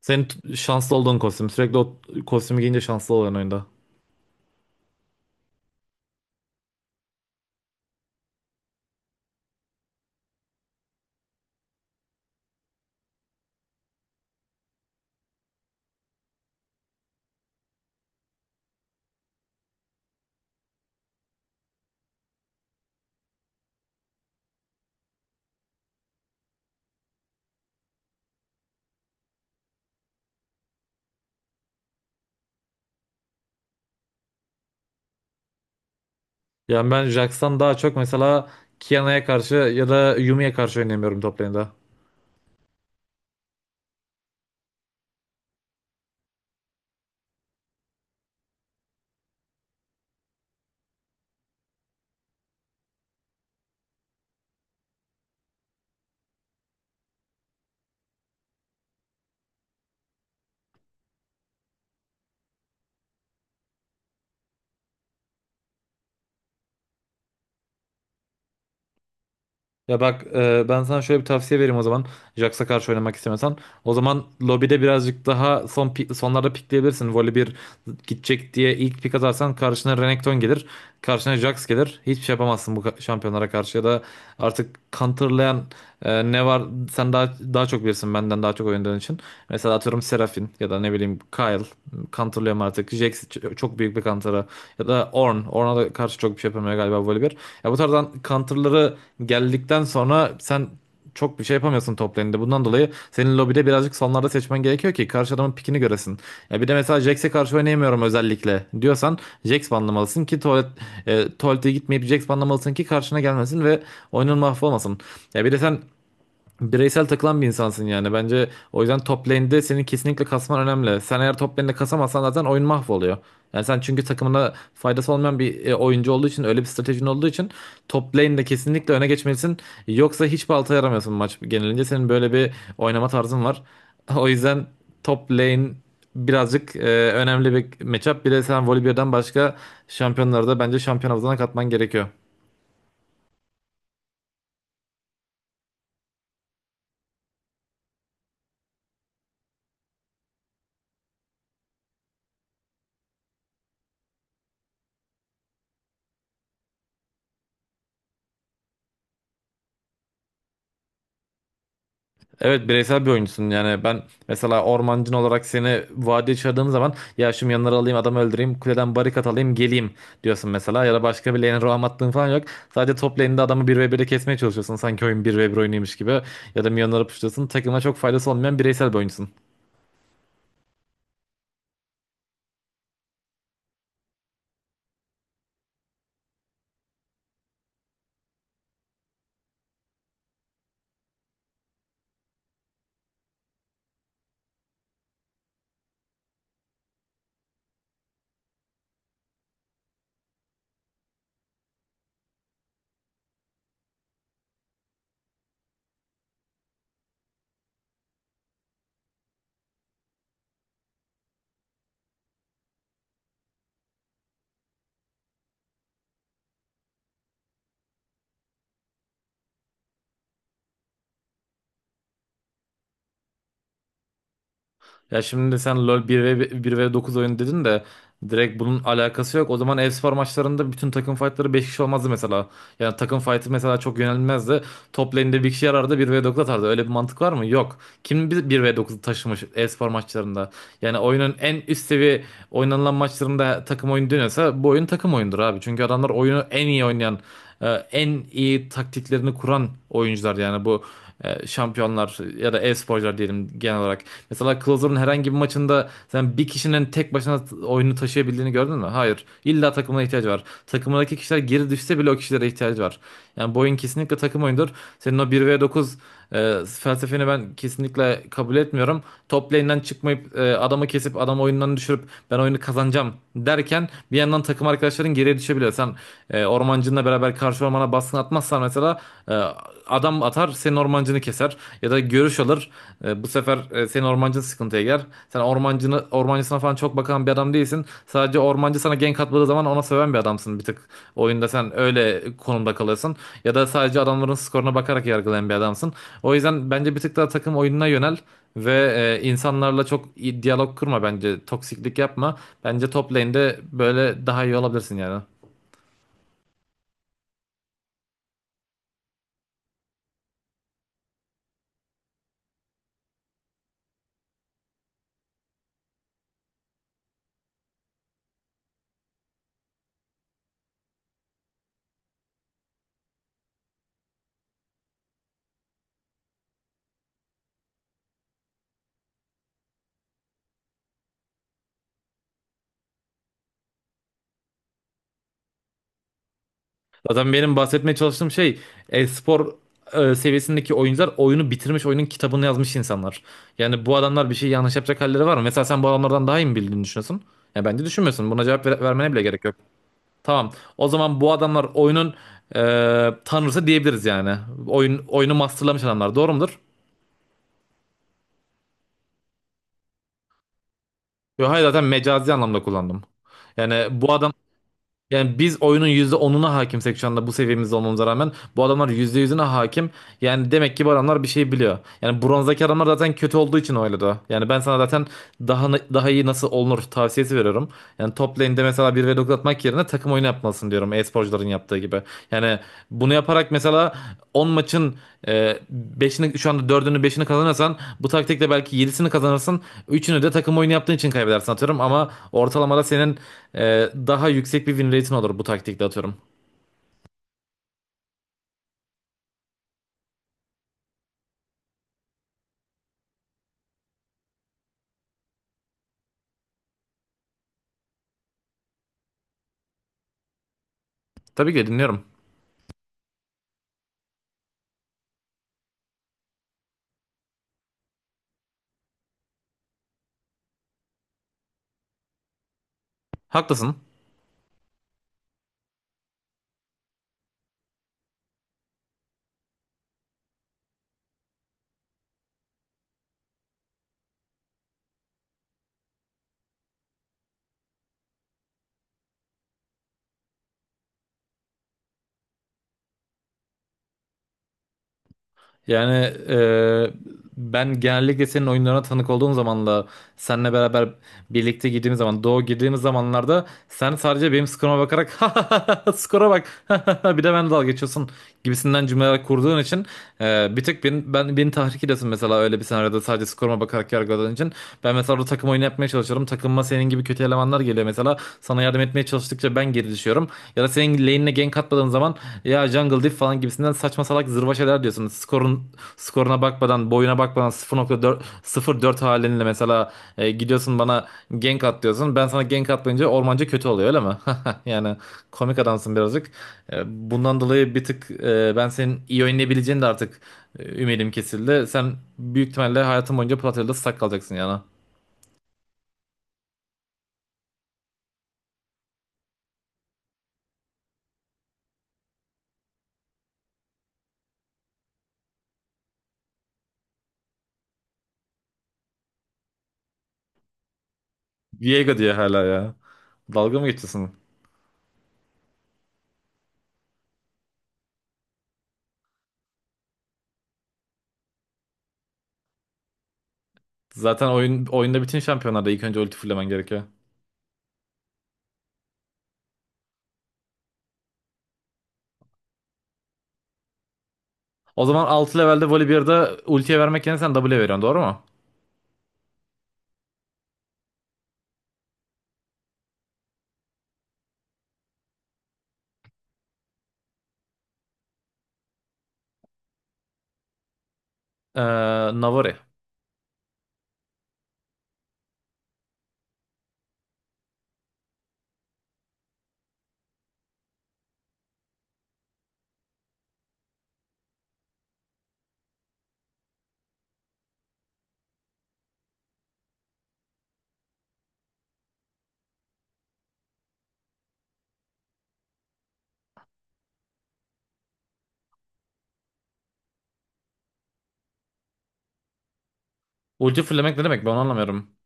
Senin şanslı olduğun kostüm. Sürekli o kostümü giyince şanslı oluyorsun oyunda. Yani ben Jax'tan daha çok mesela Kiana'ya karşı ya da Yumi'ye karşı oynayamıyorum top lane'de. Ya bak, ben sana şöyle bir tavsiye vereyim o zaman. Jax'a karşı oynamak istemiyorsan, o zaman lobide birazcık daha sonlarda pikleyebilirsin. Voli bir gidecek diye ilk pik atarsan karşına Renekton gelir. Karşına Jax gelir. Hiçbir şey yapamazsın bu şampiyonlara karşı. Ya da artık counterlayan, ne var, sen daha çok bilirsin benden daha çok oynadığın için. Mesela atıyorum Seraphine ya da ne bileyim Kayle. Counterlayamam artık. Jax çok büyük bir kantara. Ya da Ornn. Ornn'a da karşı çok bir şey yapamıyor galiba böyle bir. Ya bu tarzdan counter'ları geldikten sonra sen çok bir şey yapamıyorsun top lane'de. Bundan dolayı senin lobide birazcık sonlarda seçmen gerekiyor ki karşı adamın pikini göresin. Ya bir de mesela Jax'e karşı oynayamıyorum özellikle diyorsan, Jax banlamalısın ki tuvalete gitmeyip Jax banlamalısın ki karşına gelmesin ve oyunun mahvolmasın. Ya bir de sen bireysel takılan bir insansın yani. Bence o yüzden top lane'de senin kesinlikle kasman önemli. Sen eğer top lane'de kasamazsan zaten oyun mahvoluyor. Yani sen, çünkü takımına faydası olmayan bir oyuncu olduğu için, öyle bir stratejin olduğu için top lane'de kesinlikle öne geçmelisin. Yoksa hiçbir balta yaramıyorsun maç genelince. Senin böyle bir oynama tarzın var. O yüzden top lane birazcık önemli bir matchup. Bir de sen Volibear'dan başka şampiyonları da bence şampiyon havuzuna katman gerekiyor. Evet, bireysel bir oyuncusun. Yani ben, mesela ormancın olarak seni vadiye çağırdığım zaman, "ya şu yanları alayım, adamı öldüreyim, kuleden barikat alayım, geleyim" diyorsun mesela, ya da başka bir lane'e roam attığın falan yok. Sadece top lane'de adamı bir ve 1'e kesmeye çalışıyorsun, sanki oyun bir ve bir oyunuymuş gibi. Ya da minyonları puşluyorsun. Takıma çok faydası olmayan bireysel bir oyuncusun. Ya şimdi sen "LoL 1v, 1v9 oyunu" dedin de direkt bunun alakası yok. O zaman e-spor maçlarında bütün takım fightları 5 kişi olmazdı mesela. Yani takım fight'ı mesela çok yönelmezdi. Top lane'de bir kişi yarardı, bir v 9 atardı. Öyle bir mantık var mı? Yok. Kim bir v dokuzu taşımış e-spor maçlarında? Yani oyunun en üst seviye oynanılan maçlarında takım oyunu dönüyorsa, bu oyun takım oyundur abi. Çünkü adamlar oyunu en iyi oynayan, en iyi taktiklerini kuran oyuncular. Yani bu şampiyonlar ya da e-sporcular diyelim genel olarak. Mesela Closer'ın herhangi bir maçında sen bir kişinin tek başına oyunu taşıyabildiğini gördün mü? Hayır. İlla takımına ihtiyacı var. Takımdaki kişiler geri düşse bile o kişilere ihtiyacı var. Yani boyun kesinlikle takım oyundur. Senin o bir v dokuz felsefeni ben kesinlikle kabul etmiyorum. Top lane'den çıkmayıp, adamı kesip adamı oyundan düşürüp "ben oyunu kazanacağım" derken bir yandan takım arkadaşların geriye düşebiliyor. Sen ormancınla beraber karşı ormana baskın atmazsan mesela, e, adam atar senin ormancını keser ya da görüş alır. Bu sefer senin ormancın sıkıntıya girer. Sen ormancısına falan çok bakan bir adam değilsin. Sadece ormancı sana gank atmadığı zaman ona söven bir adamsın, bir tık. Oyunda sen öyle konumda kalırsın. Ya da sadece adamların skoruna bakarak yargılayan bir adamsın. O yüzden bence bir tık daha takım oyununa yönel. Ve insanlarla çok iyi diyalog kurma bence. Toksiklik yapma. Bence top lane'de böyle daha iyi olabilirsin yani. Zaten benim bahsetmeye çalıştığım şey, e-spor seviyesindeki oyuncular oyunu bitirmiş, oyunun kitabını yazmış insanlar. Yani bu adamlar bir şey yanlış yapacak halleri var mı? Mesela sen bu adamlardan daha iyi mi bildiğini düşünüyorsun? Ya bence düşünmüyorsun. Buna cevap vermene bile gerek yok. Tamam. O zaman bu adamlar oyunun e, tanrısı diyebiliriz yani. Oyun oyunu masterlamış adamlar. Doğru mudur? Yok, hayır, zaten mecazi anlamda kullandım. Yani bu Yani biz oyunun %10'una hakimsek, şu anda bu seviyemizde olmamıza rağmen, bu adamlar %100'üne hakim. Yani demek ki bu adamlar bir şey biliyor. Yani bronzdaki adamlar zaten kötü olduğu için oynadı. Yani ben sana zaten daha iyi nasıl olunur tavsiyesi veriyorum. Yani top lane'de mesela bir v 9 atmak yerine takım oyunu yapmalısın diyorum, e-sporcuların yaptığı gibi. Yani bunu yaparak mesela 10 maçın e, 5'ini, şu anda dördünü beşini kazanırsan, bu taktikle belki yedisini kazanırsın. Üçünü de takım oyunu yaptığın için kaybedersin, atıyorum, ama ortalamada senin daha yüksek bir win rate'in olur bu taktikle, atıyorum. Tabii ki de dinliyorum. Haklısın. Yani e, ben genellikle senin oyunlarına tanık olduğum zamanla, seninle beraber birlikte girdiğimiz zaman, Doğu girdiğimiz zamanlarda sen sadece benim skoruma bakarak "ha, skora bak" bir de ben dalga geçiyorsun gibisinden cümleler kurduğun için, bir tek beni, beni tahrik ediyorsun mesela, öyle bir senaryoda sadece skoruma bakarak yargıladığın için. Ben mesela orada takım oyunu yapmaya çalışıyorum, takımıma senin gibi kötü elemanlar geliyor mesela, sana yardım etmeye çalıştıkça ben geri düşüyorum. Ya da senin lane'ine gank atmadığın zaman "ya, jungle diff" falan gibisinden saçma salak zırva şeyler diyorsun. Skoruna bakmadan, boyuna bakmadan, 0,4 0,4 halinle mesela, gidiyorsun bana "gank at" diyorsun. Ben sana gank atmayınca ormancı kötü oluyor öyle mi? Yani komik adamsın birazcık. Bundan dolayı bir tık, ben senin iyi oynayabileceğini de artık, ümidim kesildi. Sen büyük ihtimalle hayatın boyunca Platya'da sak kalacaksın yani. Viego diye hala ya. Dalga mı geçiyorsun? Zaten oyunda bütün şampiyonlarda ilk önce ulti fullemen gerekiyor. O zaman 6 levelde Volibear'da ultiye vermek yerine sen W'ye veriyorsun, doğru mu? Ee, Navari. Ulti fullemek ne demek, ben onu anlamıyorum.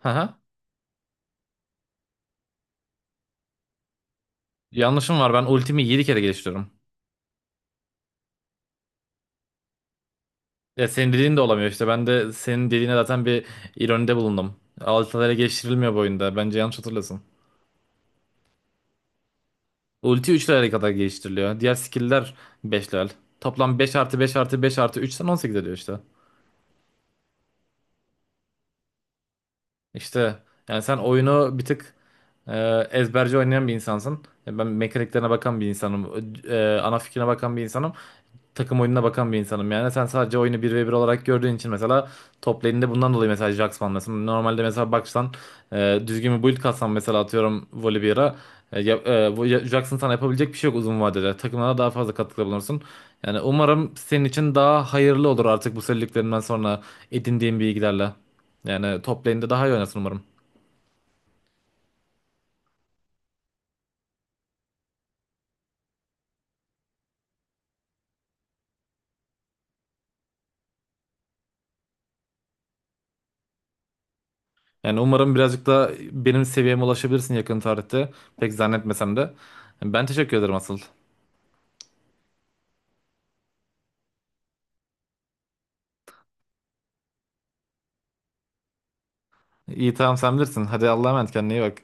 Haha. Yanlışım var, ben ultimi 7 kere geliştiriyorum. Ya senin dediğin de olamıyor işte, ben de senin dediğine zaten bir ironide bulundum. 6 level geliştirilmiyor bu oyunda, bence yanlış hatırlıyorsun. Ulti 3 level'e kadar geliştiriliyor. Diğer skill'ler 5 level. Toplam 5 artı 5 artı 5 artı üçten 18 ediyor işte. İşte yani sen oyunu bir tık ezberci oynayan bir insansın. Ben mekaniklerine bakan bir insanım. Ana fikrine bakan bir insanım, takım oyununa bakan bir insanım yani. Sen sadece oyunu bir ve bir olarak gördüğün için mesela top lane'de bundan dolayı mesela Jaxx, mesela normalde mesela baksan, düzgün bir build katsan mesela, atıyorum Volibear'a, Jaxx'ın sana yapabilecek bir şey yok uzun vadede. Takımına daha fazla katkıda bulunursun. Yani umarım senin için daha hayırlı olur artık bu söylediklerinden sonra edindiğin bilgilerle. Yani top lane'de daha iyi oynasın umarım. Yani umarım birazcık da benim seviyeme ulaşabilirsin yakın tarihte. Pek zannetmesem de. Ben teşekkür ederim asıl. İyi, tamam, sen bilirsin. Hadi Allah'a emanet, kendine iyi bak.